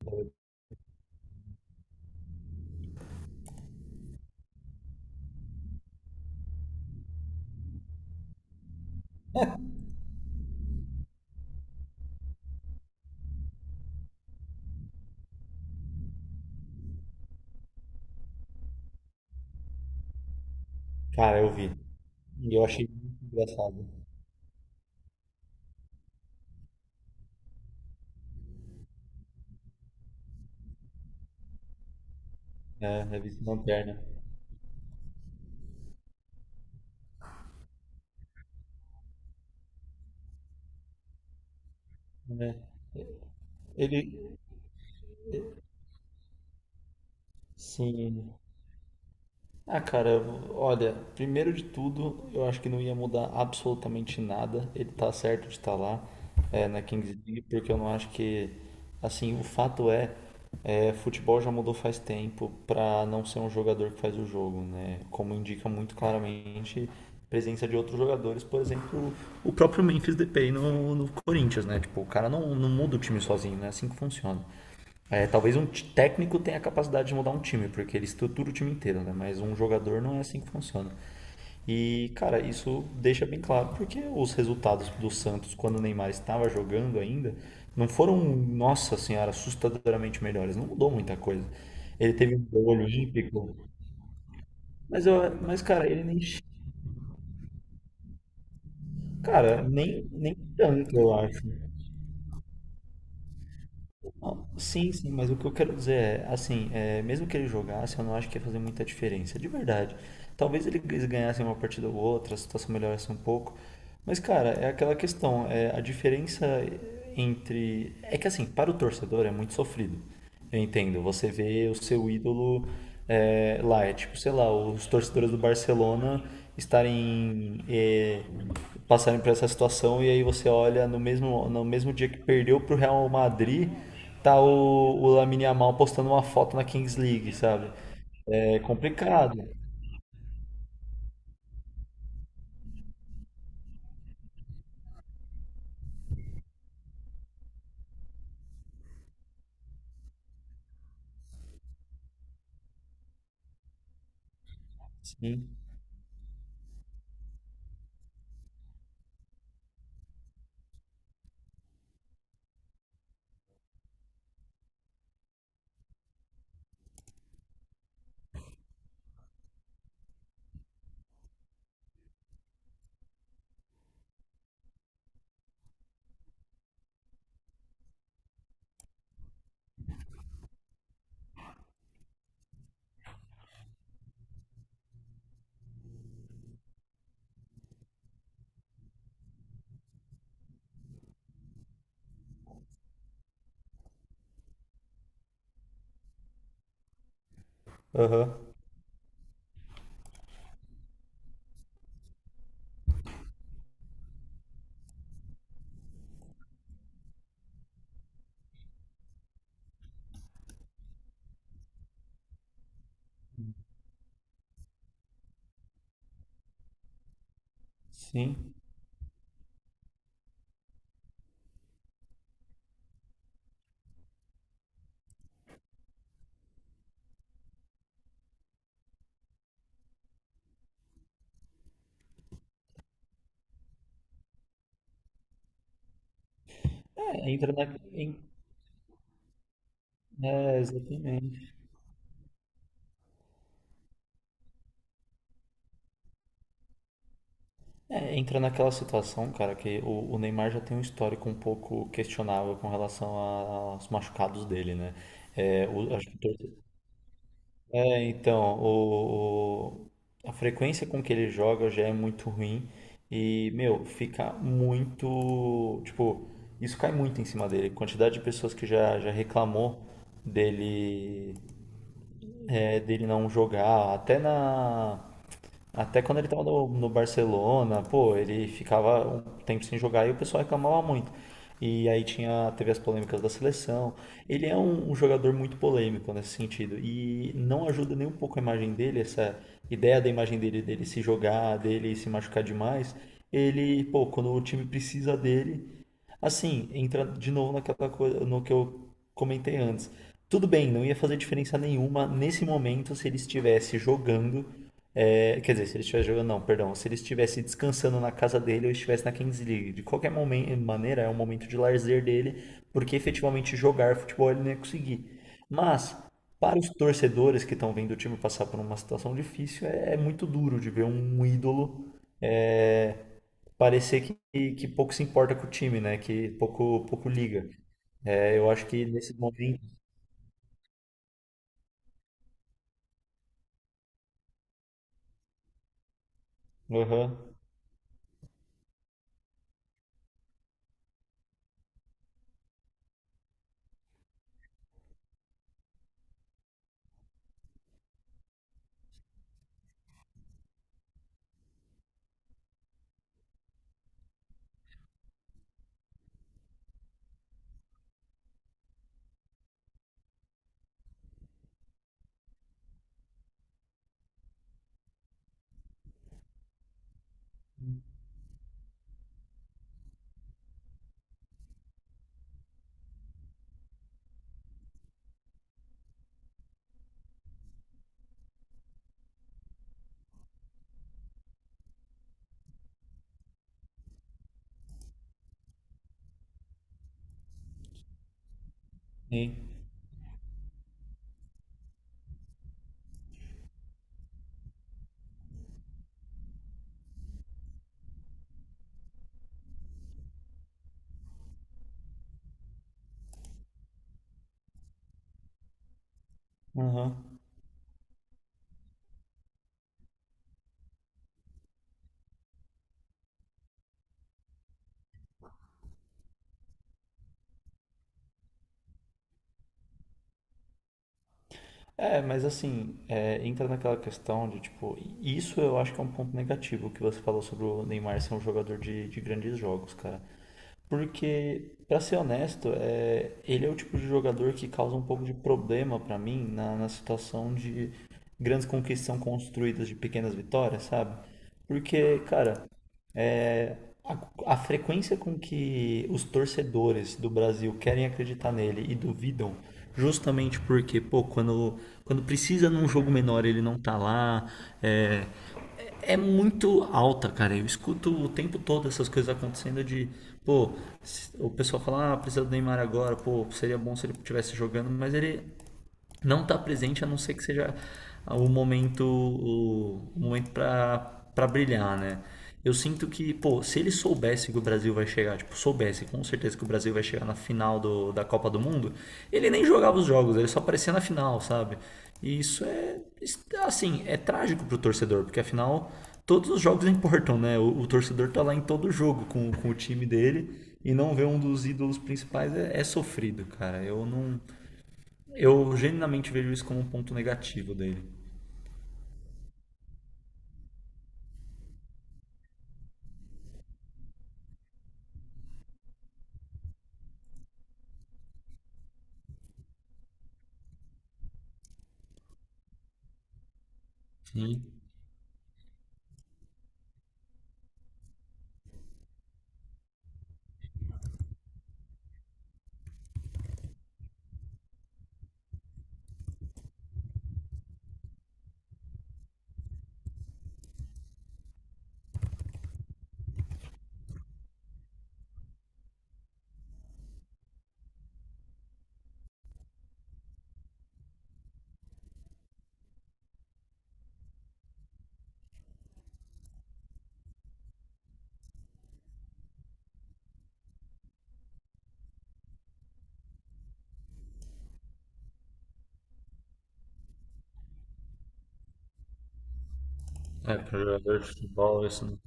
Cara, eu vi. E eu achei muito engraçado. É, a vice-lanterna. É. Ele. Sim. Ah, cara, olha, primeiro de tudo, eu acho que não ia mudar absolutamente nada. Ele tá certo de estar lá, na Kings League, porque eu não acho que. Assim, o fato é, futebol já mudou faz tempo pra não ser um jogador que faz o jogo, né? Como indica muito claramente a presença de outros jogadores, por exemplo, o próprio Memphis Depay no Corinthians, né? Tipo, o cara não muda o time sozinho, não é assim que funciona. É, talvez um técnico tenha a capacidade de mudar um time, porque ele estrutura o time inteiro, né? Mas um jogador não é assim que funciona. E, cara, isso deixa bem claro, porque os resultados do Santos, quando o Neymar estava jogando ainda, não foram, nossa senhora, assustadoramente melhores. Não mudou muita coisa. Ele teve um gol olímpico, mas, mas cara, ele nem. Cara, nem tanto, eu acho. Não, sim, sim, mas o que eu quero dizer assim, mesmo que ele jogasse, eu não acho que ia fazer muita diferença, de verdade. Talvez eles ganhassem uma partida ou outra, a situação melhorasse um pouco. Mas, cara, é aquela questão, a diferença entre. É que, assim, para o torcedor é muito sofrido. Eu entendo. Você vê o seu ídolo lá, é tipo, sei lá, os torcedores do Barcelona estarem passarem por essa situação e aí você olha no mesmo dia que perdeu pro Real Madrid, tá o Lamine Yamal postando uma foto na Kings League, sabe? É complicado. Sim. Aham. Sim. É, entra na. em- É, exatamente. É, entra naquela situação, cara, que o Neymar já tem um histórico um pouco questionável com relação aos machucados dele, né? É, o- acho que torce- é, então, o- a frequência com que ele joga já é muito ruim e, meu, fica muito, tipo, isso cai muito em cima dele. Quantidade de pessoas que já reclamou dele, dele não jogar, até quando ele estava no Barcelona, pô, ele ficava um tempo sem jogar e o pessoal reclamava muito. E aí teve as polêmicas da seleção. Ele é um jogador muito polêmico nesse sentido. E não ajuda nem um pouco a imagem dele, essa ideia da imagem dele, dele se jogar, dele se machucar demais. Ele, pô, quando o time precisa dele, assim, entra de novo naquela coisa, no que eu comentei antes. Tudo bem, não ia fazer diferença nenhuma nesse momento se ele estivesse jogando, quer dizer, se ele estivesse jogando, não, perdão. Se ele estivesse descansando na casa dele ou estivesse na Kings League. De qualquer maneira, é um momento de lazer dele, porque efetivamente jogar futebol ele não ia conseguir. Mas, para os torcedores que estão vendo o time passar por uma situação difícil, é muito duro de ver um ídolo é, parecer que pouco se importa com o time, né? Que pouco, pouco liga. É, eu acho que nesse momento. Aham, sim. Aham. É, mas assim, entra naquela questão de tipo, isso eu acho que é um ponto negativo que você falou sobre o Neymar ser um jogador de grandes jogos, cara. Porque, pra ser honesto, ele é o tipo de jogador que causa um pouco de problema pra mim na, na situação de grandes conquistas são construídas de pequenas vitórias, sabe? Porque, cara, é, a frequência com que os torcedores do Brasil querem acreditar nele e duvidam, justamente porque, pô, quando precisa num jogo menor ele não tá lá, é, é muito alta, cara. Eu escuto o tempo todo essas coisas acontecendo de, pô, o pessoal fala, ah, precisa do Neymar agora, pô, seria bom se ele estivesse jogando, mas ele não está presente a não ser que seja o, momento para brilhar, né? Eu sinto que, pô, se ele soubesse que o Brasil vai chegar, tipo, soubesse com certeza que o Brasil vai chegar na final da Copa do Mundo, ele nem jogava os jogos, ele só aparecia na final, sabe? E isso é, assim, é trágico pro torcedor, porque afinal todos os jogos importam, né? O torcedor tá lá em todo jogo com o time dele e não ver um dos ídolos principais é sofrido, cara. Eu não, eu genuinamente vejo isso como um ponto negativo dele. Sim. É, para jogador de futebol, isso não.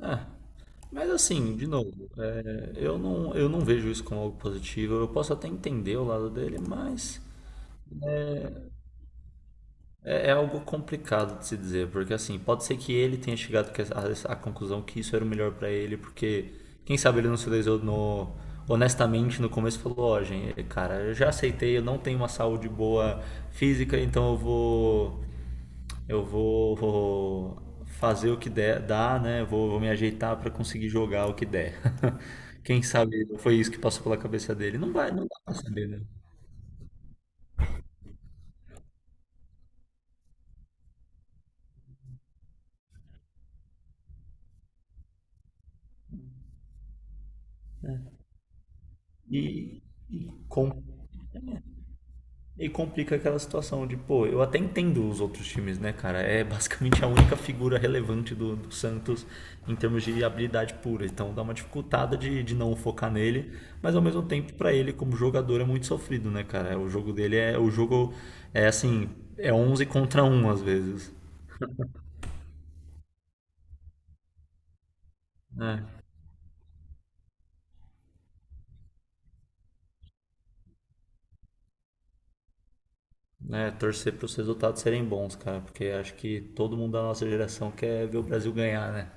É, mas assim, de novo, eu não vejo isso como algo positivo. Eu posso até entender o lado dele, mas é algo complicado de se dizer, porque assim, pode ser que ele tenha chegado à conclusão que isso era o melhor pra ele, porque quem sabe ele não se lesionou honestamente no começo e falou, ó, gente, cara, eu já aceitei, eu não tenho uma saúde boa física, então eu vou fazer o que der, dá, né? Eu vou vou me ajeitar para conseguir jogar o que der. Quem sabe não foi isso que passou pela cabeça dele. Não vai, não dá para saber, né? E, e com- E complica aquela situação de, pô, eu até entendo os outros times, né, cara? É basicamente a única figura relevante do Santos em termos de habilidade pura. Então dá uma dificultada de não focar nele, mas ao mesmo tempo, pra ele, como jogador, é muito sofrido, né, cara? O jogo dele é. O jogo é assim, é 11 contra um às vezes. É, né, torcer para os resultados serem bons, cara, porque acho que todo mundo da nossa geração quer ver o Brasil ganhar, né?